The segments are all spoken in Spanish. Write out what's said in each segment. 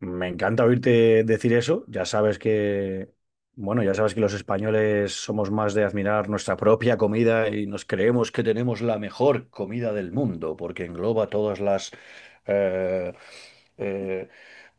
Me encanta oírte decir eso. Ya sabes que, bueno, ya sabes que los españoles somos más de admirar nuestra propia comida y nos creemos que tenemos la mejor comida del mundo, porque engloba todas las eh, eh,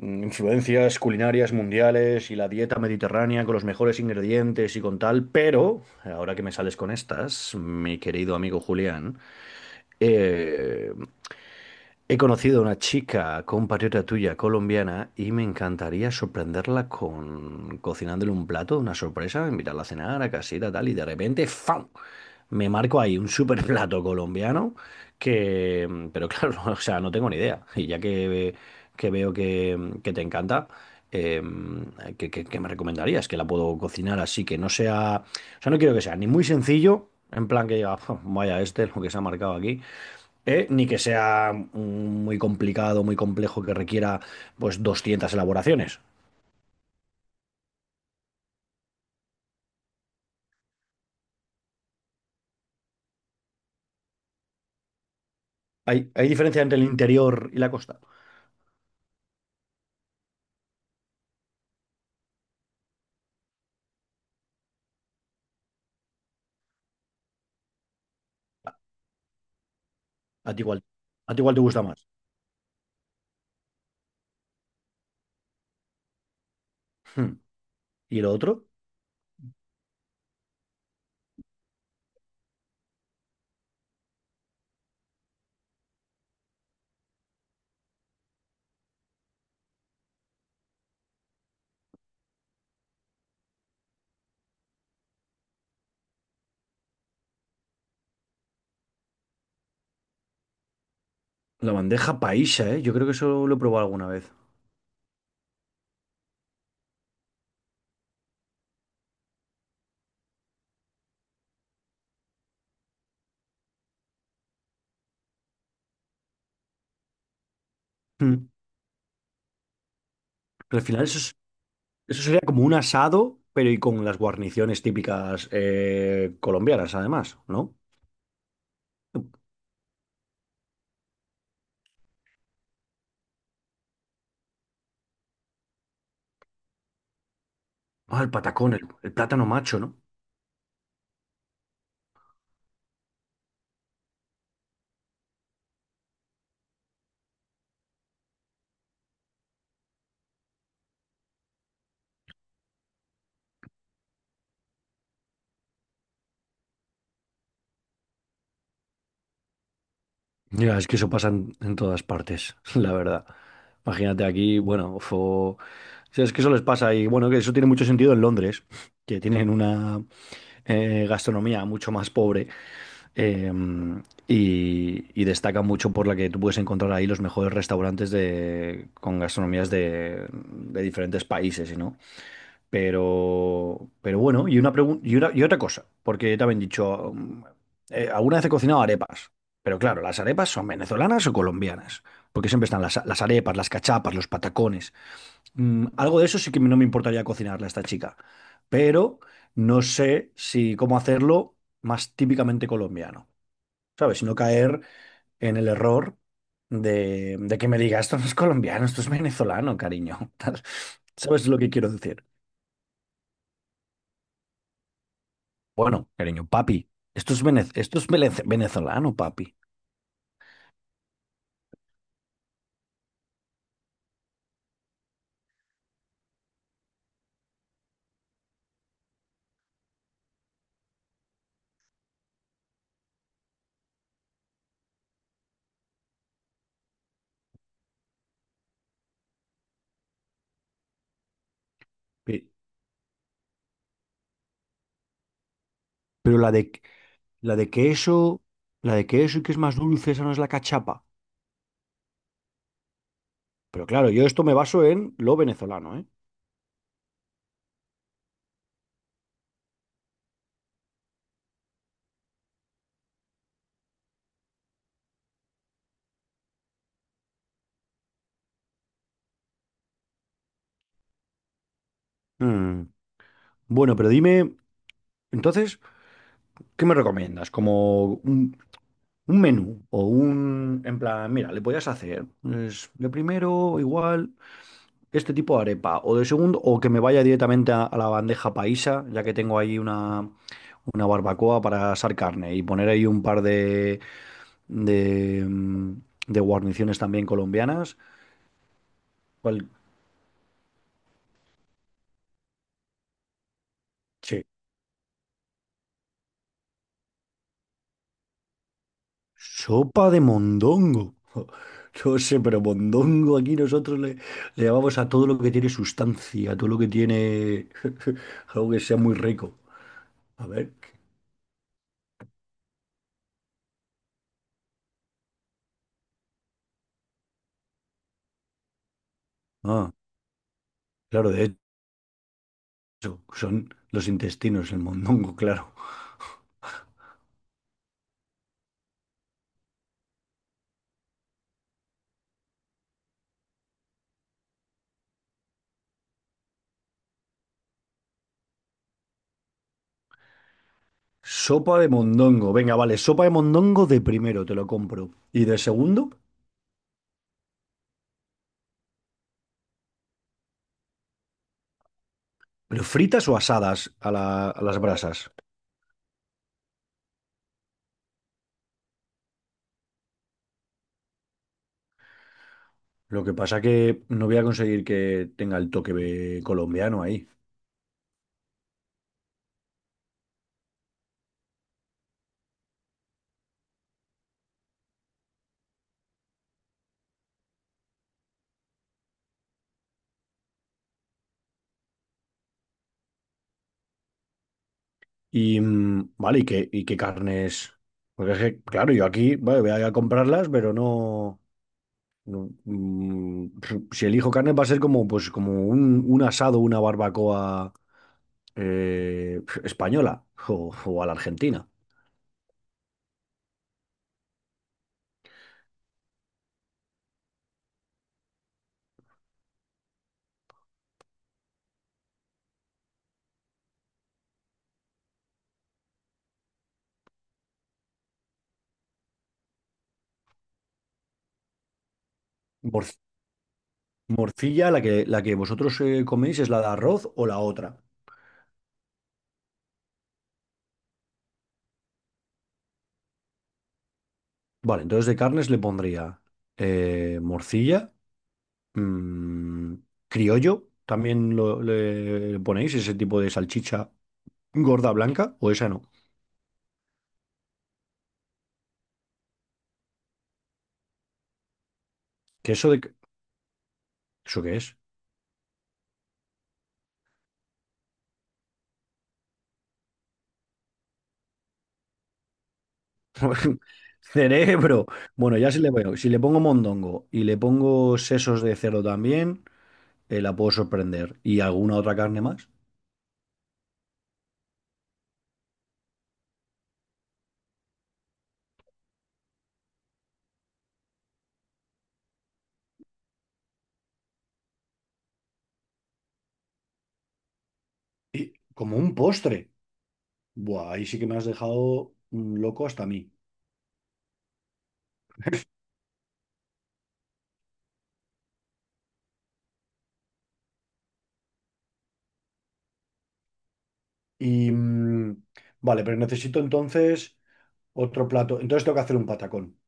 influencias culinarias mundiales y la dieta mediterránea con los mejores ingredientes y con tal. Pero ahora que me sales con estas, mi querido amigo Julián, eh, he conocido a una chica compatriota tuya colombiana y me encantaría sorprenderla con cocinándole un plato, una sorpresa, invitarla a cenar a casita, tal, y de repente, ¡fam! Me marco ahí un super plato colombiano que, pero claro, o sea, no tengo ni idea. Y ya que veo que te encanta, eh, ¿qué me recomendarías? Que la puedo cocinar así, que no sea, o sea, no quiero que sea ni muy sencillo, en plan que diga: "Uf, vaya, este es lo que se ha marcado aquí, ¿eh?". Ni que sea muy complicado, muy complejo, que requiera pues 200 elaboraciones. Hay diferencia entre el interior y la costa. A, a ti igual, a ti igual te gusta más. Hmm. ¿Y lo otro? La bandeja paisa, ¿eh? Yo creo que eso lo he probado alguna vez. Hmm. Pero al final eso sería como un asado, pero y con las guarniciones típicas, colombianas, además, ¿no? Ah, el patacón, el plátano macho, ¿no? Ya, es que eso pasa en todas partes, la verdad. Imagínate aquí, bueno, es que eso les pasa y bueno, que eso tiene mucho sentido en Londres, que tienen una gastronomía mucho más pobre. eh, y, y destaca mucho por la que tú puedes encontrar ahí los mejores restaurantes de, con gastronomías de diferentes países, ¿no? Pero bueno, y una pregunta y otra cosa, porque también he dicho, alguna vez he cocinado arepas, pero claro, ¿las arepas son venezolanas o colombianas? Porque siempre están las arepas, las cachapas, los patacones. Mm, algo de eso sí que no me importaría cocinarle a esta chica, pero no sé si cómo hacerlo más típicamente colombiano, ¿sabes? Si no caer en el error de que me diga, esto no es colombiano, esto es venezolano, cariño. ¿Sabes lo que quiero decir? Bueno, cariño, papi, venezolano, papi. Pe- Pero la de, la de queso, la de queso y que es más dulce, esa no es la cachapa. Pero claro, yo esto me baso en lo venezolano, ¿eh? Mm, bueno, pero dime, entonces, ¿qué me recomiendas? Como un menú o un, en plan, mira, le podías hacer pues, de primero, igual este tipo de arepa, o de segundo, o que me vaya directamente a la bandeja paisa, ya que tengo ahí una barbacoa para asar carne y poner ahí un par de, mm, de guarniciones también colombianas. ¿Cuál? Che, sopa de mondongo. No sé, pero mondongo aquí nosotros le llamamos a todo lo que tiene sustancia, a todo lo que tiene algo que sea muy rico. A ver. Ah, claro, de hecho, son los intestinos, el mondongo, claro. Sopa de mondongo. Venga, vale, sopa de mondongo de primero, te lo compro. ¿Y de segundo? Pero ¿fritas o asadas a, a las brasas? Lo que pasa que no voy a conseguir que tenga el toque de colombiano ahí. Y mm, vale, y qué carnes? Porque es que, claro, yo aquí, vale, voy a ir a comprarlas, pero no, mm, si elijo carne va a ser como, pues, como un asado, una barbacoa española o a la argentina. Mor- Morcilla, la la que vosotros coméis, ¿es la de arroz o la otra? Vale, entonces de carnes le pondría morcilla, mm, criollo, también le ponéis ese tipo de salchicha gorda blanca, o esa no. Que eso de... que- ¿Eso qué es? Cerebro. Bueno, ya si le veo, si le pongo mondongo y le pongo sesos de cerdo también, la puedo sorprender. ¿Y alguna otra carne más? Y como un postre. Buah, ahí sí que me has dejado mm, loco hasta a mí. Y... mm, vale, pero necesito entonces... otro plato. Entonces tengo que hacer un patacón.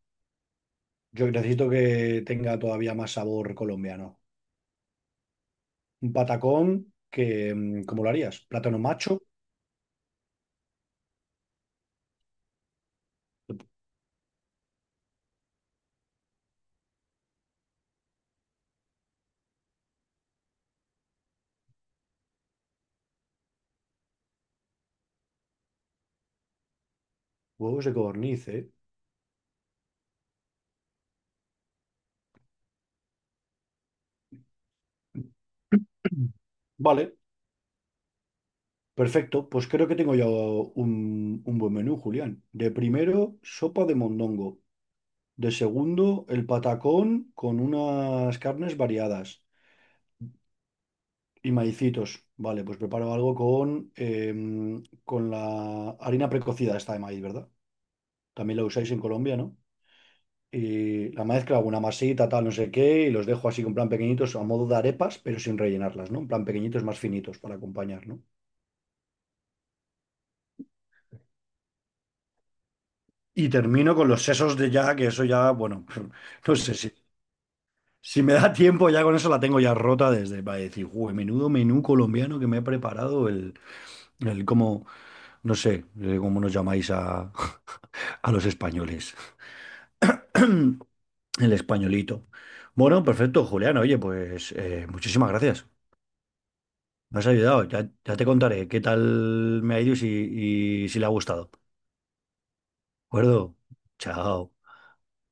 Yo necesito que tenga todavía más sabor colombiano. Un patacón que, mm, ¿cómo lo harías? Plátano macho, huevos de codorniz, ¿eh? Vale, perfecto. Pues creo que tengo ya un buen menú, Julián. De primero, sopa de mondongo. De segundo, el patacón con unas carnes variadas y maicitos. Vale, pues preparo algo con, em, con la harina precocida esta de maíz, ¿verdad? ¿También lo usáis en Colombia, no? Y la mezcla, una masita, tal, no sé qué, y los dejo así con plan pequeñitos, a modo de arepas, pero sin rellenarlas, ¿no? En plan pequeñitos más finitos para acompañar, ¿no? Y termino con los sesos de ya, que eso ya, bueno, no sé si, si me da tiempo, ya con eso la tengo ya rota desde para decir: "Jue, menudo menú colombiano que me he preparado, el cómo, no sé, cómo nos llamáis a, a los españoles, el españolito". Bueno, perfecto, Julián, oye, pues muchísimas gracias. Me has ayudado. Ya, ya te contaré qué tal me ha ido y si le ha gustado. ¿De acuerdo? Chao.